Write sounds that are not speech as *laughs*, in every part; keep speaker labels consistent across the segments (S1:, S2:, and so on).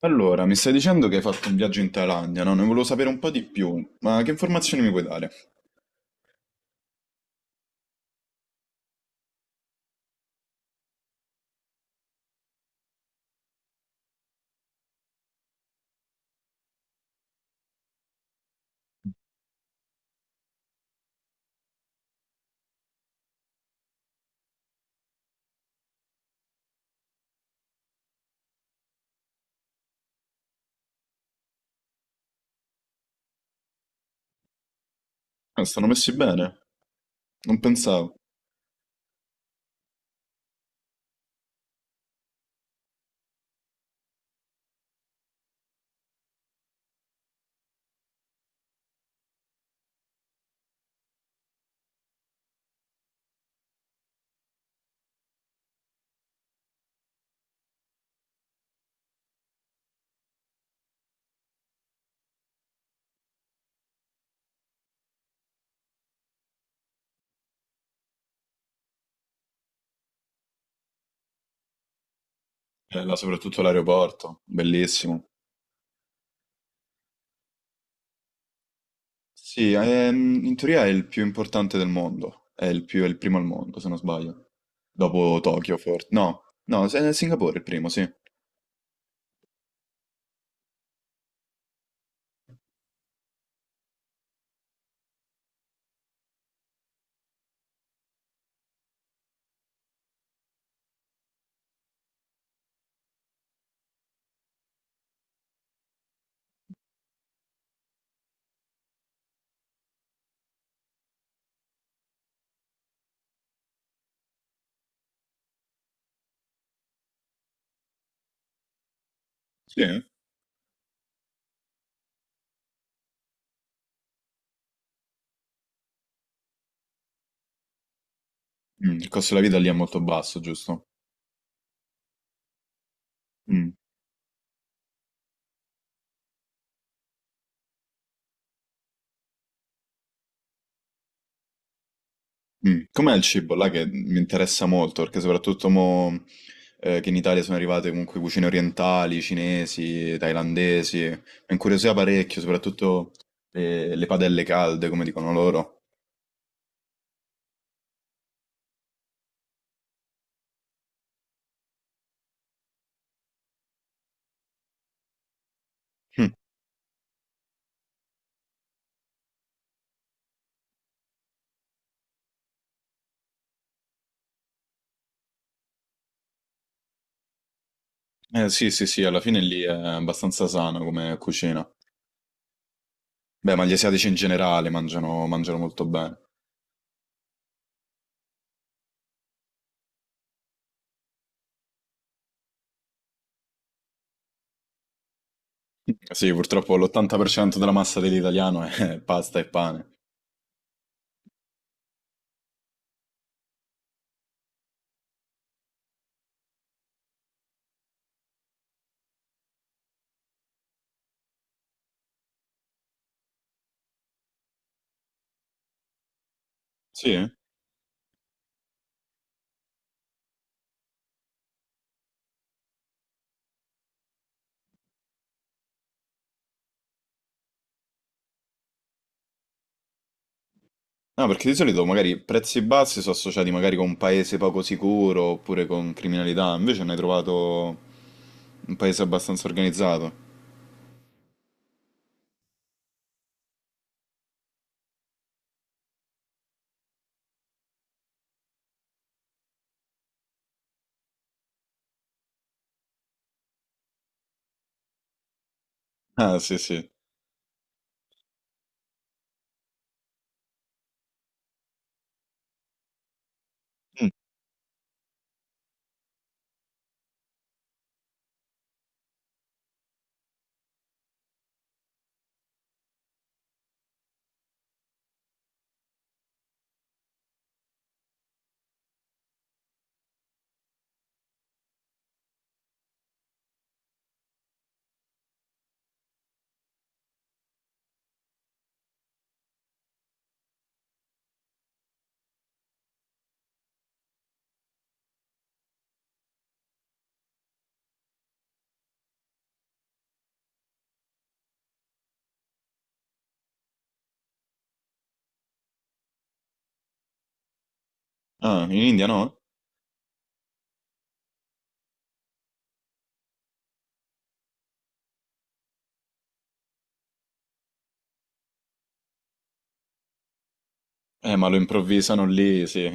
S1: Allora, mi stai dicendo che hai fatto un viaggio in Thailandia, no? Ne volevo sapere un po' di più, ma che informazioni mi puoi dare? Ah, stanno messi bene? Non pensavo. Bella, soprattutto l'aeroporto, bellissimo. Sì, in teoria è il più importante del mondo, è il è il primo al mondo, se non sbaglio. Dopo Tokyo, forse. No, no, è Singapore il primo, sì. Sì? Eh? Mm, il costo della vita lì è molto basso, giusto? Mm. Mm. Com'è il cibo là che mi interessa molto, perché soprattutto mo, che in Italia sono arrivate comunque cucine orientali, cinesi, thailandesi, mi incuriosiva parecchio, soprattutto le padelle calde, come dicono loro. Mm. Sì, sì, sì, alla fine lì è abbastanza sano come cucina. Beh, ma gli asiatici in generale mangiano molto bene. Mm. Sì, purtroppo l'80% della massa dell'italiano è *laughs* pasta e pane. Sì? No, perché di solito magari prezzi bassi sono associati magari con un paese poco sicuro oppure con criminalità, invece ne hai trovato un paese abbastanza organizzato. Ah, sì, sì. Ah, in India no? Ma lo improvvisano lì, sì.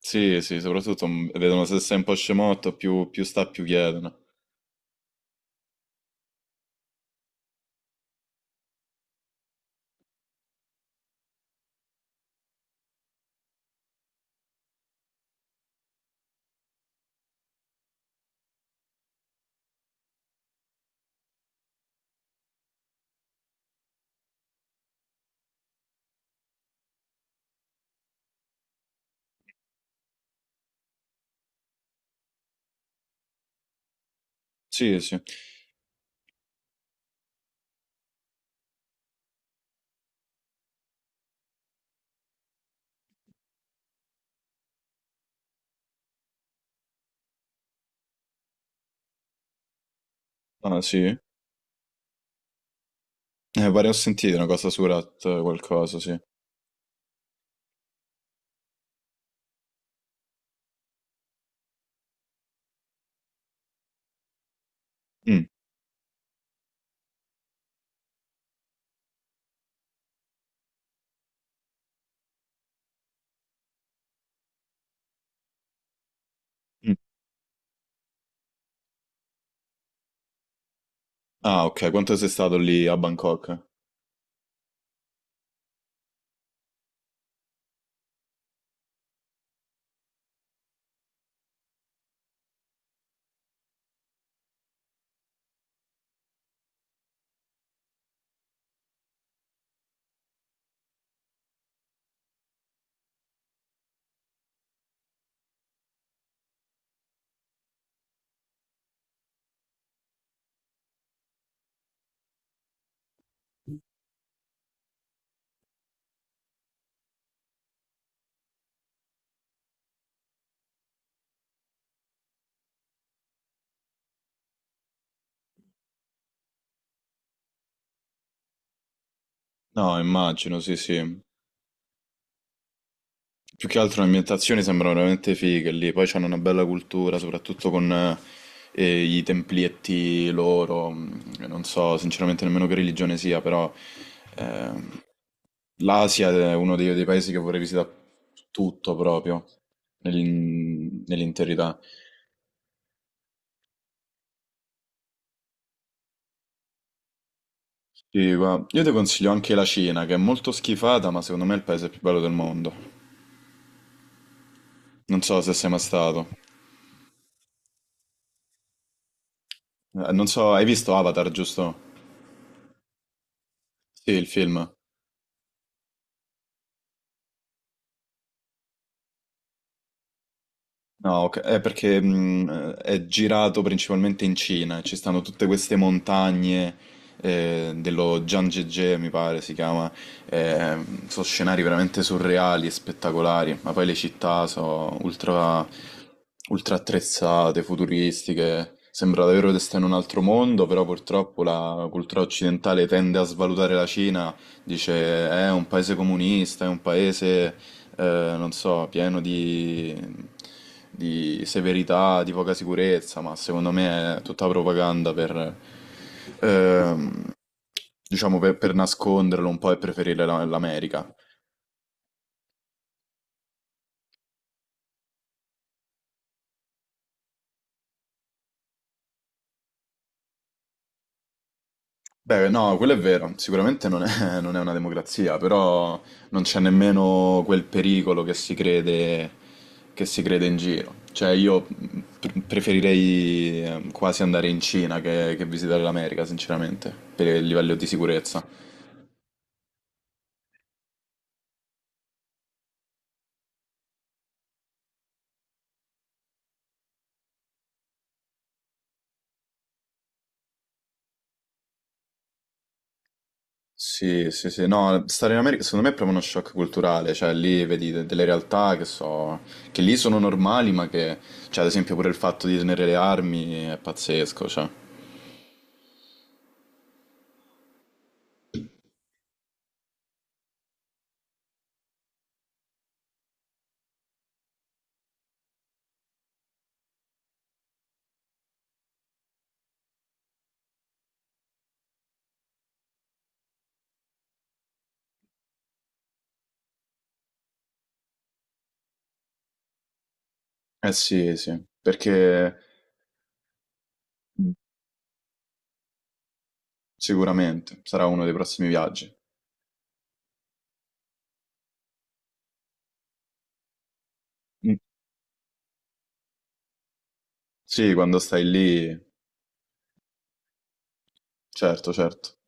S1: Sì, sì, soprattutto mm, vedono se sei un po' scemotto, più, più sta, più chiedono. Sì, sì. Ah, sì? Pare ho sentito una cosa su Rat, qualcosa, sì. Mm, mm. Ah, ok, quanto sei stato lì a Bangkok? No, immagino, sì, sì. Più che altro le ambientazioni sembrano veramente fighe lì, poi c'hanno una bella cultura, soprattutto con i templietti loro, non so sinceramente nemmeno che religione sia, però ehm, l'Asia è uno dei paesi che vorrei visitare tutto proprio, nell'interità. E guarda, io ti consiglio anche la Cina, che è molto schifata, ma secondo me è il paese più bello del mondo. Non so se sei mai stato. Non so, hai visto Avatar, giusto? Sì, il film. No, ok, è perché è girato principalmente in Cina, ci stanno tutte queste montagne dello Zhangjiajie, mi pare si chiama, eh, sono scenari veramente surreali e spettacolari, ma poi le città sono ultra attrezzate, futuristiche, sembra davvero di stare in un altro mondo, però purtroppo la cultura occidentale tende a svalutare la Cina. Dice è un paese comunista, è un paese, non so, pieno di severità, di poca sicurezza, ma secondo me è tutta propaganda per, ehm, diciamo, per nasconderlo un po' e preferire l'America. Beh, no, quello è vero, sicuramente non è, *laughs* non è una democrazia, però non c'è nemmeno quel pericolo che si crede in giro. Cioè, io preferirei quasi andare in Cina che visitare l'America, sinceramente, per il livello di sicurezza. Sì, sì, sì, no, stare in America secondo me è proprio uno shock culturale, cioè lì vedi delle realtà che so, che lì sono normali, ma che, cioè ad esempio pure il fatto di tenere le armi è pazzesco, cioè. Eh sì, sì, perché mh. Sicuramente, sarà uno dei prossimi viaggi. Mh. Sì, quando stai lì certo, certo.